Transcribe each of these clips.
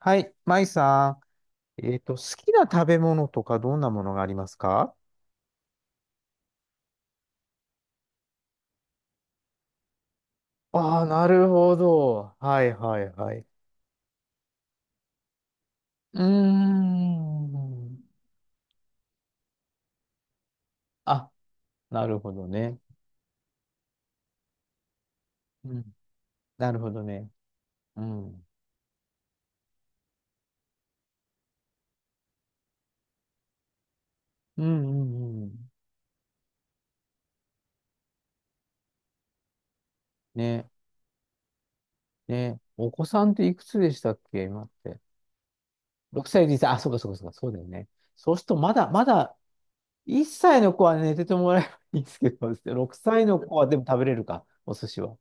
はい、マイさん。好きな食べ物とかどんなものがありますか？ああ、なるほど。はいはいはい。うーん。あ、なるほどね。うん。なるほどね。うん。うんうんうん。ね。ね。お子さんっていくつでしたっけ今って？6歳で歳。あ、そうかそうかそうか。そうだよね。そうするとまだ、まだ、1歳の子は寝ててもらえばいいんですけど、6歳の子はでも食べれるか、お寿司は。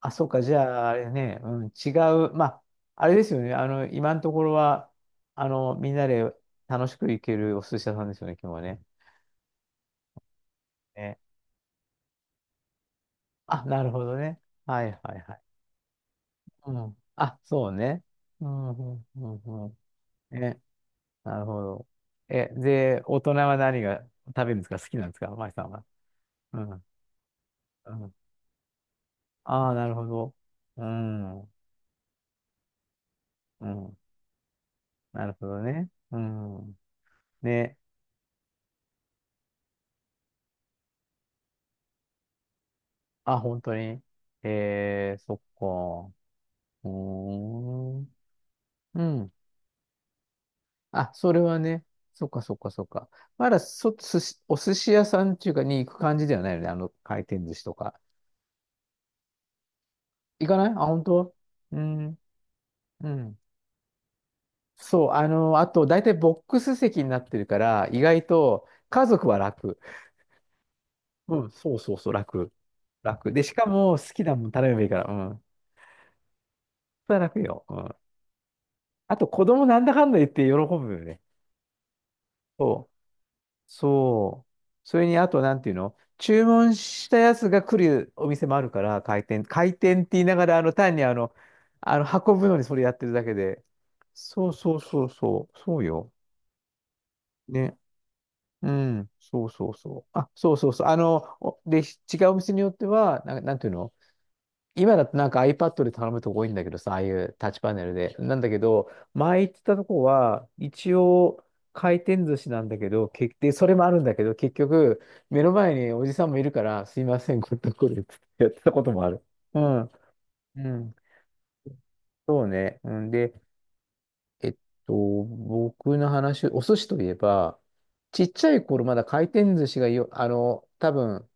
あ、そうか、じゃあ、あれね、うん、違う、まあ、あれですよね、今のところは、みんなで楽しく行けるお寿司屋さんですよね、今日はね。ね。あ、なるほどね。はいはいはい。うん。あ、そうね。うん、うん、うん、うん。ね、なるほど。で、大人は何が食べるんですか好きなんですかマイさんは？うん、うん。ああ、なるほど。うん、うん。なるほどね。うん。ね。あ、本当に。そっか。おーうん。あ、それはね。そっかそっかそっか。まだそ、寿司、お寿司屋さんっていうかに行く感じではないよね。あの回転寿司とか。行かないあ、本当うん。うん。そう。あと、大体ボックス席になってるから、意外と家族は楽。うん。そうそうそう、楽。楽。で、しかも好きなもん頼めばいいから。うん。それは楽よ。うん。あと、子供なんだかんだ言って喜ぶよね。そう。そう。それに、あと、なんていうの注文したやつが来るお店もあるから、回転。回転って言いながら、単に、運ぶのにそれやってるだけで。そうそうそうそう。そうよ。ね。うん。そうそうそう。あ、そうそうそう。違うお店によっては、なんていうの、今だとなんか iPad で頼むとこ多いんだけどさ、ああいうタッチパネルで。なんだけど、前行ってたとこは、一応回転寿司なんだけど、それもあるんだけど、結局、目の前におじさんもいるから、すいません、これとこれってやってたこともある。うん。うん。そうね。うん、で、えっ僕の話、お寿司といえば、ちっちゃい頃、まだ回転寿司がよ、多分、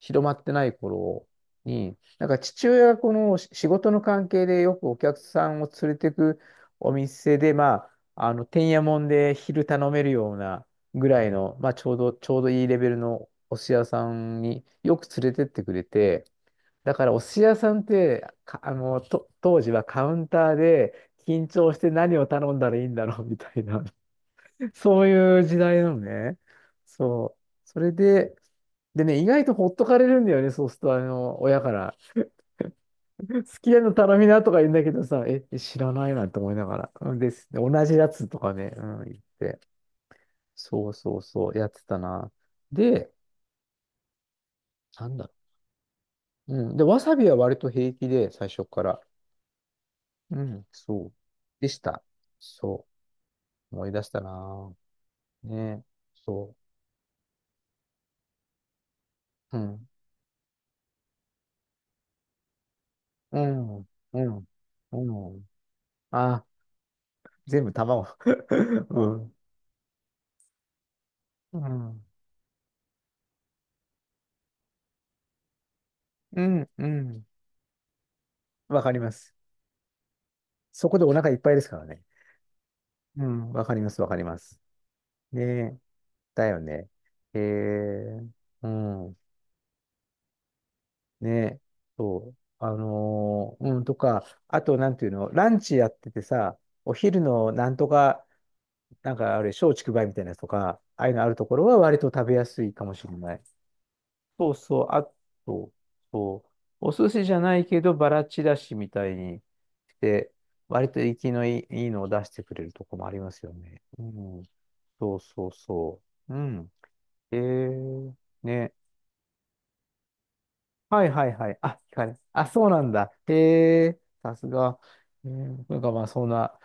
広まってない頃に、なんか父親がこの仕事の関係でよくお客さんを連れてくお店で、まあ、てんやもんで昼頼めるようなぐらいの、まあ、ちょうどいいレベルのお寿司屋さんによく連れてってくれて、だからお寿司屋さんって、か、あの、と、当時はカウンターで緊張して何を頼んだらいいんだろうみたいな、そういう時代なのね。そう。それで、でね、意外とほっとかれるんだよね、そうすると、親から。すき家の頼みなとか言うんだけどさ、知らないなって思いながら。うんです。同じやつとかね、うん、言って。そうそうそう、やってたな。で、なんだろう。うん。で、わさびは割と平気で、最初から。うん、そう。でした。そう。思い出したなぁ。ねえ、そう。うん、うん、うん、うん。あ、全部卵。うん、うん、うん、うん。わかります。そこでお腹いっぱいですからね。うん、わかります、わかります。ねえ、だよね。えー、うん、ねえ、そう。うん、とか、あと、なんていうの、ランチやっててさ、お昼のなんとか、なんかあれ、松竹梅みたいなやつとか、ああいうのあるところは割と食べやすいかもしれない。そうそう、あと、そう、お寿司じゃないけど、バラちらしみたいにして、割と生きのいい、のを出してくれるとこもありますよね。うん、そうそうそう。うん。えー、ね。はいはいはい。あ、聞かれる。あ、そうなんだ。へえ、さすが。なんかまあ、そんな、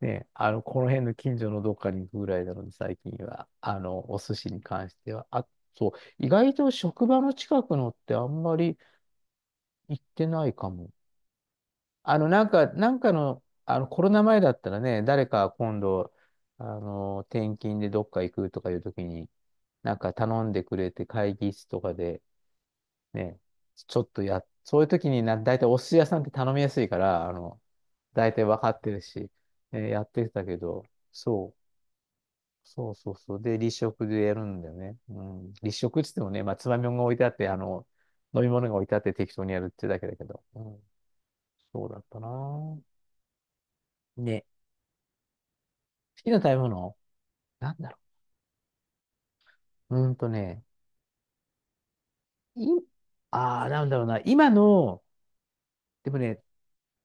ね、この辺の近所のどっかに行くぐらいなので、最近は、お寿司に関しては。あ、そう、意外と職場の近くのってあんまり行ってないかも。なんかの、コロナ前だったらね、誰か今度、転勤でどっか行くとかいう時に、なんか頼んでくれて会議室とかで、ね、ちょっとや、そういう時にな、大体お寿司屋さんって頼みやすいから、大体分かってるし、やってたけど、そう、そうそうそう。で、立食でやるんだよね。うん。立食っつってもね、まあ、つまみもんが置いてあって、飲み物が置いてあって適当にやるってだけだけど。うん。そうだったなぁ。ね。好きな食べ物なんだろう。い、ああ、なんだろうな。今の、でもね、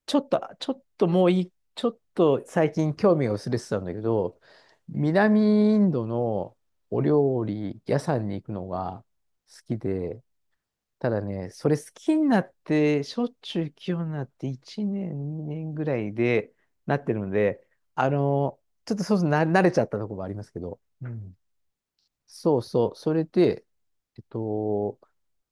ちょっともういい、ちょっと最近興味が薄れてたんだけど、南インドのお料理屋さんに行くのが好きで、ただね、それ好きになって、しょっちゅう行くようになって1年、2年ぐらいでなってるので、あの、ちょっとそうそうな慣れちゃったところもありますけど、うんそうそう。それで、えっと、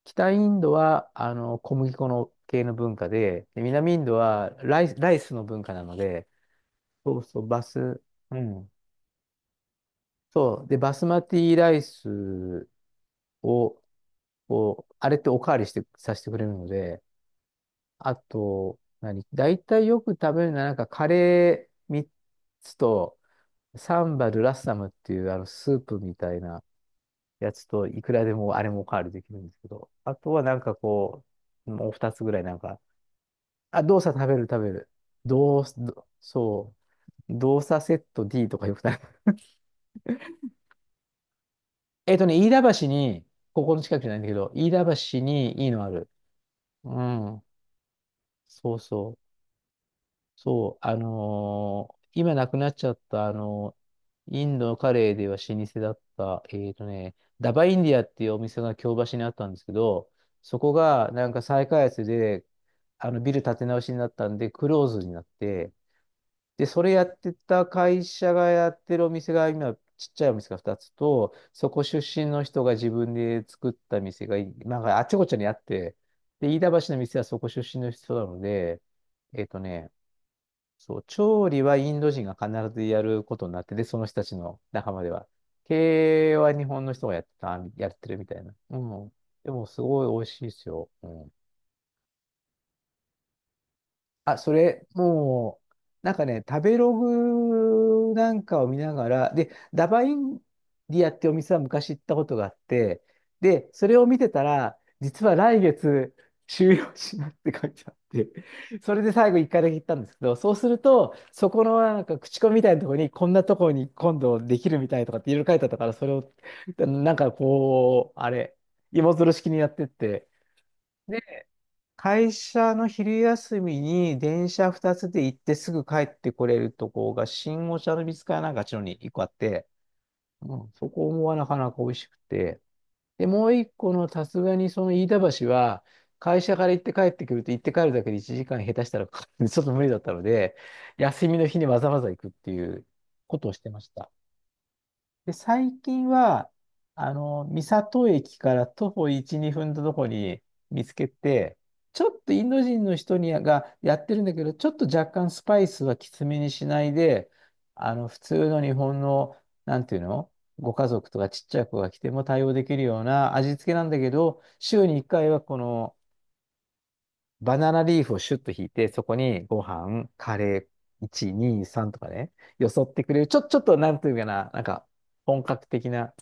北インドは、小麦粉の系の文化で、で南インドはライスの文化なので、そうそう、うん。そう。で、バスマティライスを、こう、あれっておかわりして、させてくれるので、あと、何大体よく食べるのは、なんかカレー3つと、サンバルラッサムっていう、スープみたいな、やつと、いくらでもあれもおかわりできるんですけど、あとはなんかこう、もう二つぐらいなんか、あ、動作食べる食べる。動作、どそう、動作セット D とかよくない？飯田橋に、ここの近くじゃないんだけど、飯田橋にいいのある。うん、そうそう。そう、今なくなっちゃった、インドカレーでは老舗だった、ダバインディアっていうお店が京橋にあったんですけど、そこがなんか再開発で、あのビル建て直しになったんで、クローズになって、で、それやってた会社がやってるお店が今、ちっちゃいお店が2つと、そこ出身の人が自分で作った店が、なんかあっちこっちにあって、で、飯田橋の店はそこ出身の人なので、えっとね、そう、調理はインド人が必ずやることになってて、その人たちの仲間では。経営は日本の人がやってた、やってるみたいな。うん。でも、すごい美味しいですよ。うん。あ、それ、もう、なんかね、食べログなんかを見ながら、で、ダバインディアってお店は昔行ったことがあって、で、それを見てたら、実は来月終了しますって書いてあって、それで最後一回だけ行ったんですけど、そうすると、そこのなんか口コミみたいなところに、こんなところに今度できるみたいとかっていろいろ書いてあったから、それを、なんかこう、あれ、芋づる式にやってって、で。会社の昼休みに電車2つで行ってすぐ帰ってこれるとこが新御茶ノ水かなんかあっちの方に一個あって、うん、そこもなかなか美味しくて。で、もう一個のさすがにその飯田橋は会社から行って帰ってくると行って帰るだけで1時間下手したらかかるんでちょっと無理だったので、休みの日にわざわざ行くっていうことをしてました。で、最近は、あの、三郷駅から徒歩1、2分のとこに見つけて、ちょっとインド人の人がやってるんだけど、ちょっと若干スパイスはきつめにしないで、あの、普通の日本の、なんていうのご家族とかちっちゃい子が来ても対応できるような味付けなんだけど、週に1回はこのバナナリーフをシュッと引いて、そこにご飯、カレー、1、2、3とかね、よそってくれる。ちょっとなんていうかな、なんか本格的な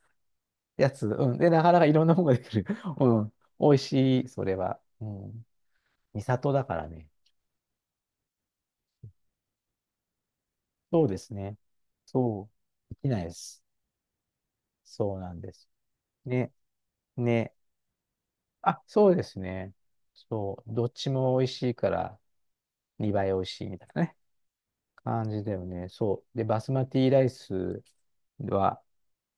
やつ、うん。で、なかなかいろんなものができる。うん。美味しい、それは。うん。三里だからね。そうですね。そう。できないです。そうなんです。ね、ね。あ、そうですね。そう。どっちも美味しいから、2倍美味しいみたいなね。感じだよね。そう。で、バスマティライスは、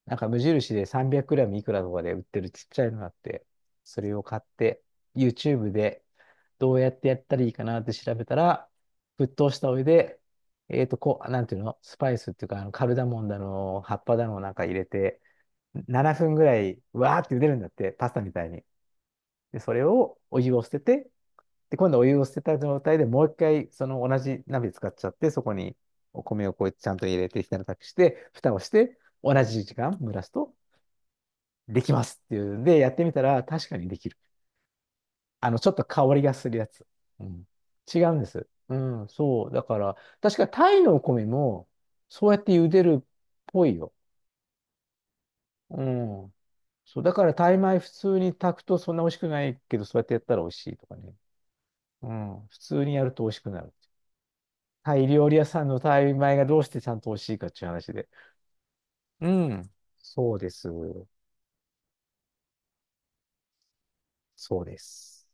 なんか無印で300ムいくらとかで売ってるちっちゃいのがあって、それを買って、YouTube でどうやってやったらいいかなって調べたら、沸騰したお湯で、こう、なんていうの、スパイスっていうか、あのカルダモンだの、葉っぱだのなんか入れて、7分ぐらい、わーって茹でるんだって、パスタみたいに。で、それをお湯を捨てて、で、今度お湯を捨てた状態でもう一回その同じ鍋使っちゃって、そこにお米をこうやってちゃんと入れてひたたくして、蓋をして、同じ時間蒸らすとできますっていうんで、やってみたら確かにできる。あの、ちょっと香りがするやつ。うん。違うんです。うん、そう。だから、確かタイのお米も、そうやって茹でるっぽいよ。うん。そう。だからタイ米普通に炊くとそんな美味しくないけど、そうやってやったら美味しいとかね。うん。普通にやると美味しくなる。タイ料理屋さんのタイ米がどうしてちゃんと美味しいかっていう話で。うん。そうです。そうです。